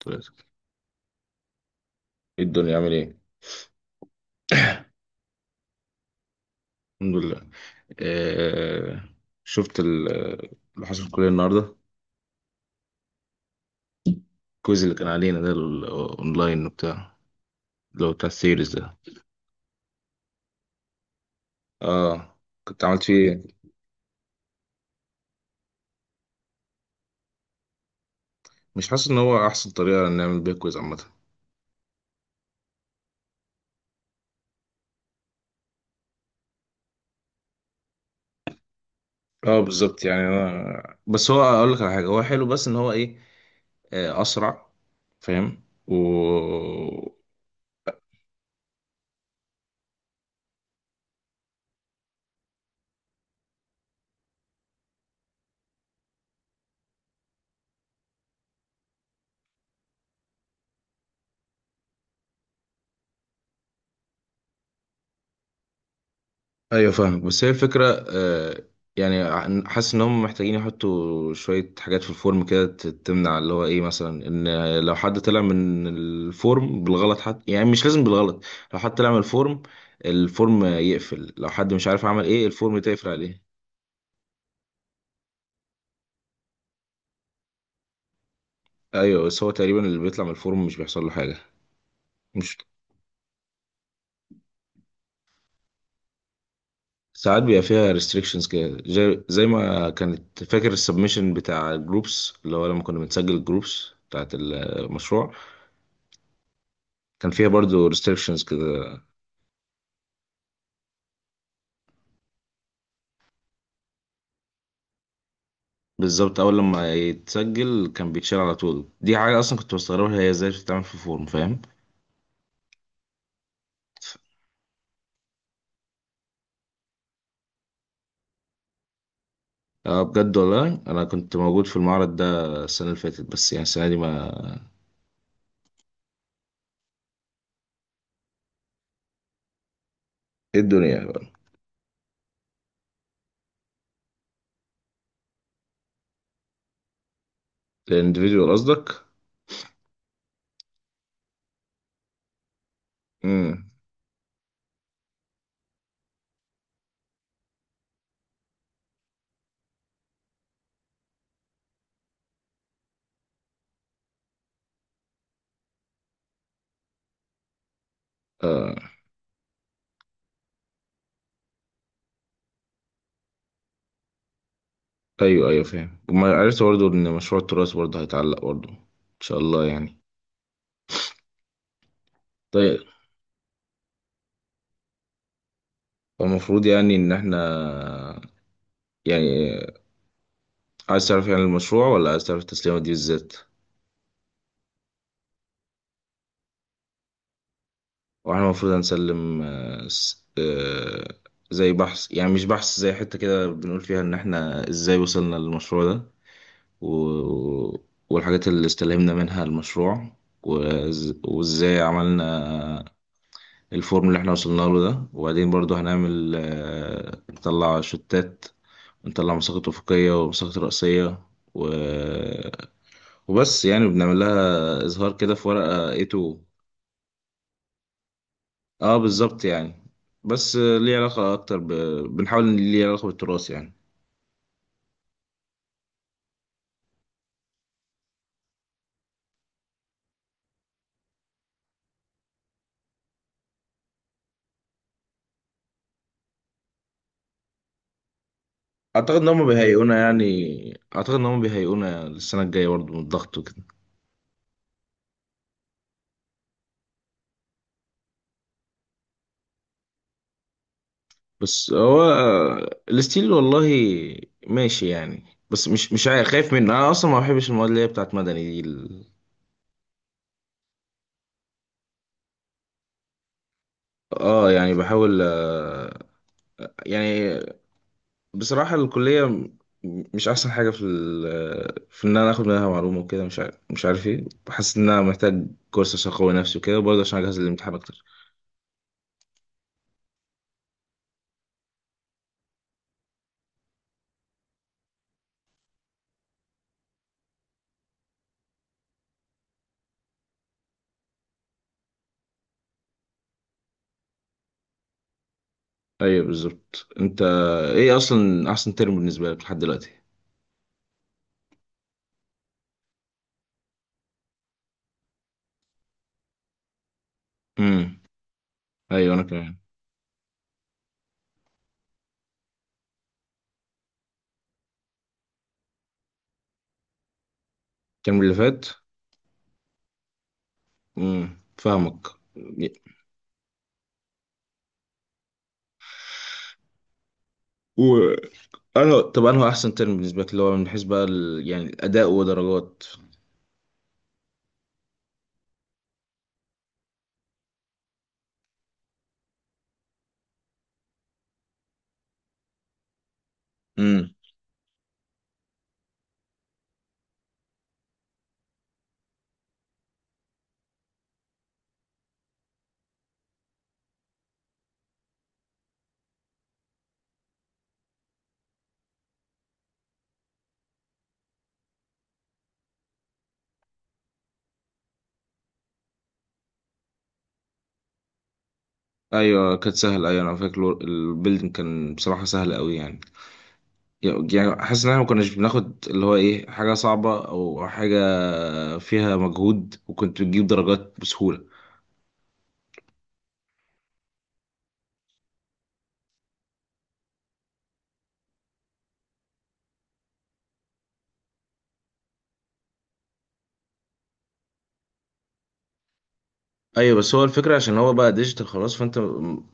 طيب. ايه الدنيا عامل ايه؟ الحمد لله. آه شفت اللي حصل في الكلية النهاردة. الكويز اللي كان علينا ده، الاونلاين وبتاع، اللي هو بتاع السيريز ده، اه كنت عملت فيه إيه؟ مش حاسس ان هو احسن طريقة نعمل بيها كويز عامة؟ اه بالظبط. يعني انا بس هو اقول لك على حاجة، هو حلو بس ان هو ايه، اسرع، فاهم ايوه فاهم. بس هي الفكره يعني حاسس ان هم محتاجين يحطوا شويه حاجات في الفورم كده تمنع اللي هو ايه، مثلا ان لو حد طلع من الفورم بالغلط حتى، يعني مش لازم بالغلط، لو حد طلع من الفورم، الفورم يقفل، لو حد مش عارف عمل ايه الفورم تقفل عليه. ايوه بس هو تقريبا اللي بيطلع من الفورم مش بيحصل له حاجه. مش ساعات بيبقى فيها ريستريكشنز كده، زي ما كانت، فاكر السبمشن بتاع جروبس اللي هو لما كنا بنسجل جروبس بتاعت المشروع، كان فيها برضو ريستريكشنز كده. بالظبط، اول لما يتسجل كان بيتشال على طول. دي حاجه اصلا كنت بستغربها، هي ازاي بتتعمل في فورم، فاهم؟ اه بجد والله انا كنت موجود في المعرض ده السنه اللي فاتت، بس يعني السنه دي ما... ايه الدنيا بقى؟ الانديفيديوال قصدك؟ امم آه. ايوه ايوه فاهم. وما عرفت برضو ان مشروع التراث برضو هيتعلق برضو، ان شاء الله يعني. طيب، المفروض يعني ان احنا، يعني عايز تعرف يعني المشروع ولا عايز تعرف التسليمه دي بالذات؟ واحنا المفروض هنسلم زي بحث، يعني مش بحث، زي حتة كده بنقول فيها ان احنا ازاي وصلنا للمشروع ده و... والحاجات اللي استلهمنا منها المشروع، وازاي عملنا الفورم اللي احنا وصلنا له ده. وبعدين برضو هنعمل نطلع شتات، نطلع مساقط أفقية ومساقط رأسية و... وبس. يعني بنعمل لها إظهار كده في ورقة A2. اه بالظبط يعني، بس ليه علاقة أكتر بنحاول إن ليه علاقة بالتراث يعني. أعتقد إن هما بيهيئونا يعني، أعتقد إن هما بيهيئونا للسنة الجاية برضه من الضغط وكده. بس هو الستيل والله ماشي يعني. بس مش عارف، خايف منه أنا أصلا، ما بحبش المواد اللي هي بتاعت مدني دي اه يعني بحاول يعني بصراحة الكلية مش أحسن حاجة في ال، في إن أنا آخد منها معلومة وكده. مش عارف، إيه، بحس إن أنا محتاج كورس عشان أقوي نفسي وكده، وبرضه عشان أجهز للامتحان أكتر. أيوه بالظبط أنت. إيه أصلا أحسن ترم بالنسبة لك لحد دلوقتي؟ امم أيوه أنا كمان. الترم اللي فات. امم، فاهمك. و أنا طب أنهو أحسن ترم بالنسبة لك اللي هو من حيث بقى يعني الأداء ودرجات؟ امم. أيوه كانت سهلة، أيوه أنا فاكر البيلدنج كان بصراحة سهل أوي يعني. يعني حاسس ان احنا ما كناش بناخد اللي هو ايه، حاجه صعبه او حاجه فيها مجهود، وكنت بتجيب درجات بسهوله. ايوه، بس هو الفكره عشان هو بقى ديجيتال خلاص، فانت م-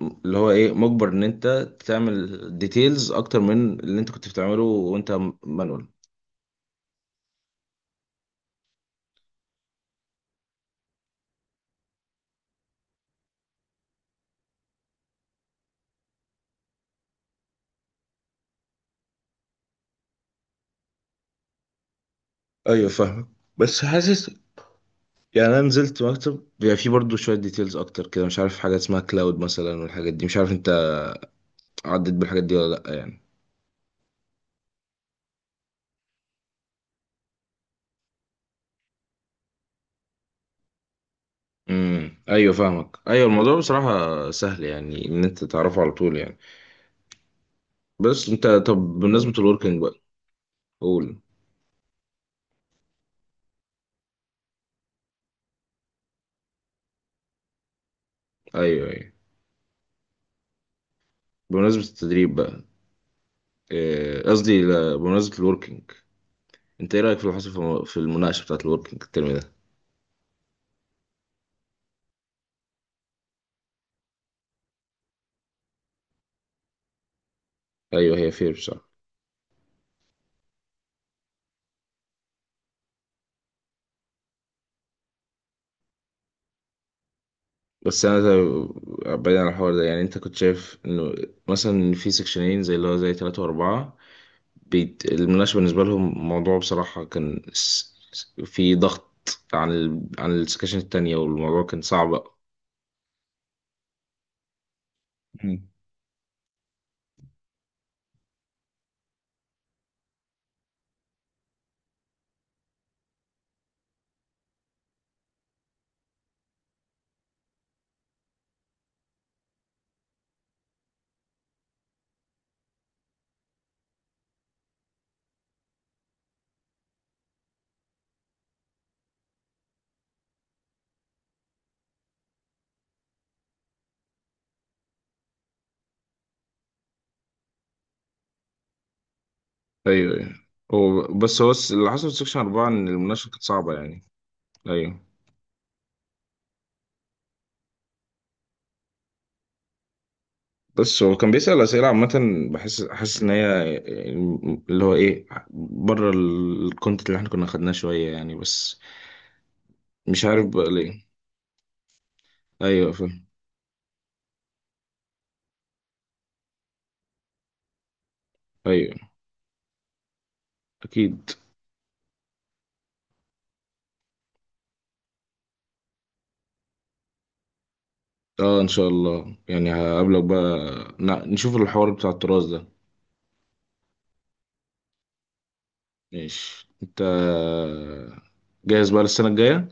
م- اللي هو ايه، مجبر ان انت تعمل ديتيلز اكتر من اللي انت كنت بتعمله وانت مانوال. ايوه فاهمك، بس حاسس يعني انا نزلت مكتب بيبقى فيه برضه شويه ديتيلز اكتر كده، مش عارف حاجه اسمها كلاود مثلا والحاجات دي، مش عارف انت عديت بالحاجات دي ولا لا يعني. امم، ايوه فاهمك. ايوه الموضوع بصراحه سهل، يعني ان انت تعرفه على طول يعني. بس انت، طب بمناسبه الوركينج بقى، قول. ايوه ايوه، بمناسبه التدريب بقى، إيه، قصدي لا، بمناسبه الوركينج، انت ايه رايك في اللي حصل في المناقشه بتاعت الوركينج الترم ده؟ ايوه هي فير بصراحه. بس انا بعيد عن الحوار ده يعني، انت كنت شايف انه مثلا في سكشنين زي اللي هو زي ثلاثة واربعة المناقشة بالنسبة لهم موضوع بصراحة كان في ضغط عن عن السكشن التانية والموضوع كان صعب. مم. أيوه أيوه، هو بس هو اللي حصل في سكشن أربعة إن المناقشة كانت صعبة يعني. أيوه، بس هو كان بيسأل أسئلة عامة، بحس، حاسس إن هي اللي هو إيه، بره الكونتنت اللي إحنا كنا خدناه شوية يعني، بس مش عارف بقى ليه. أيوه فاهم. أيوه أكيد. أه إن شاء الله يعني هقابلك بقى، نشوف الحوار بتاع التراث ده. ماشي، انت جاهز بقى للسنة الجاية؟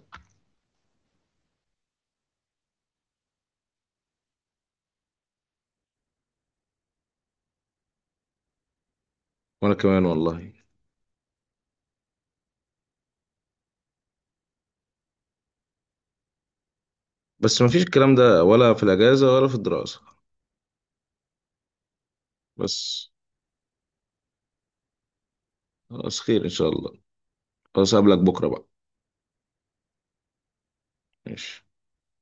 وانا كمان والله. بس مفيش الكلام ده ولا في الاجازة ولا في الدراسة. بس خلاص، خير ان شاء الله، خلاص اقابلك بكرة بقى. ماشي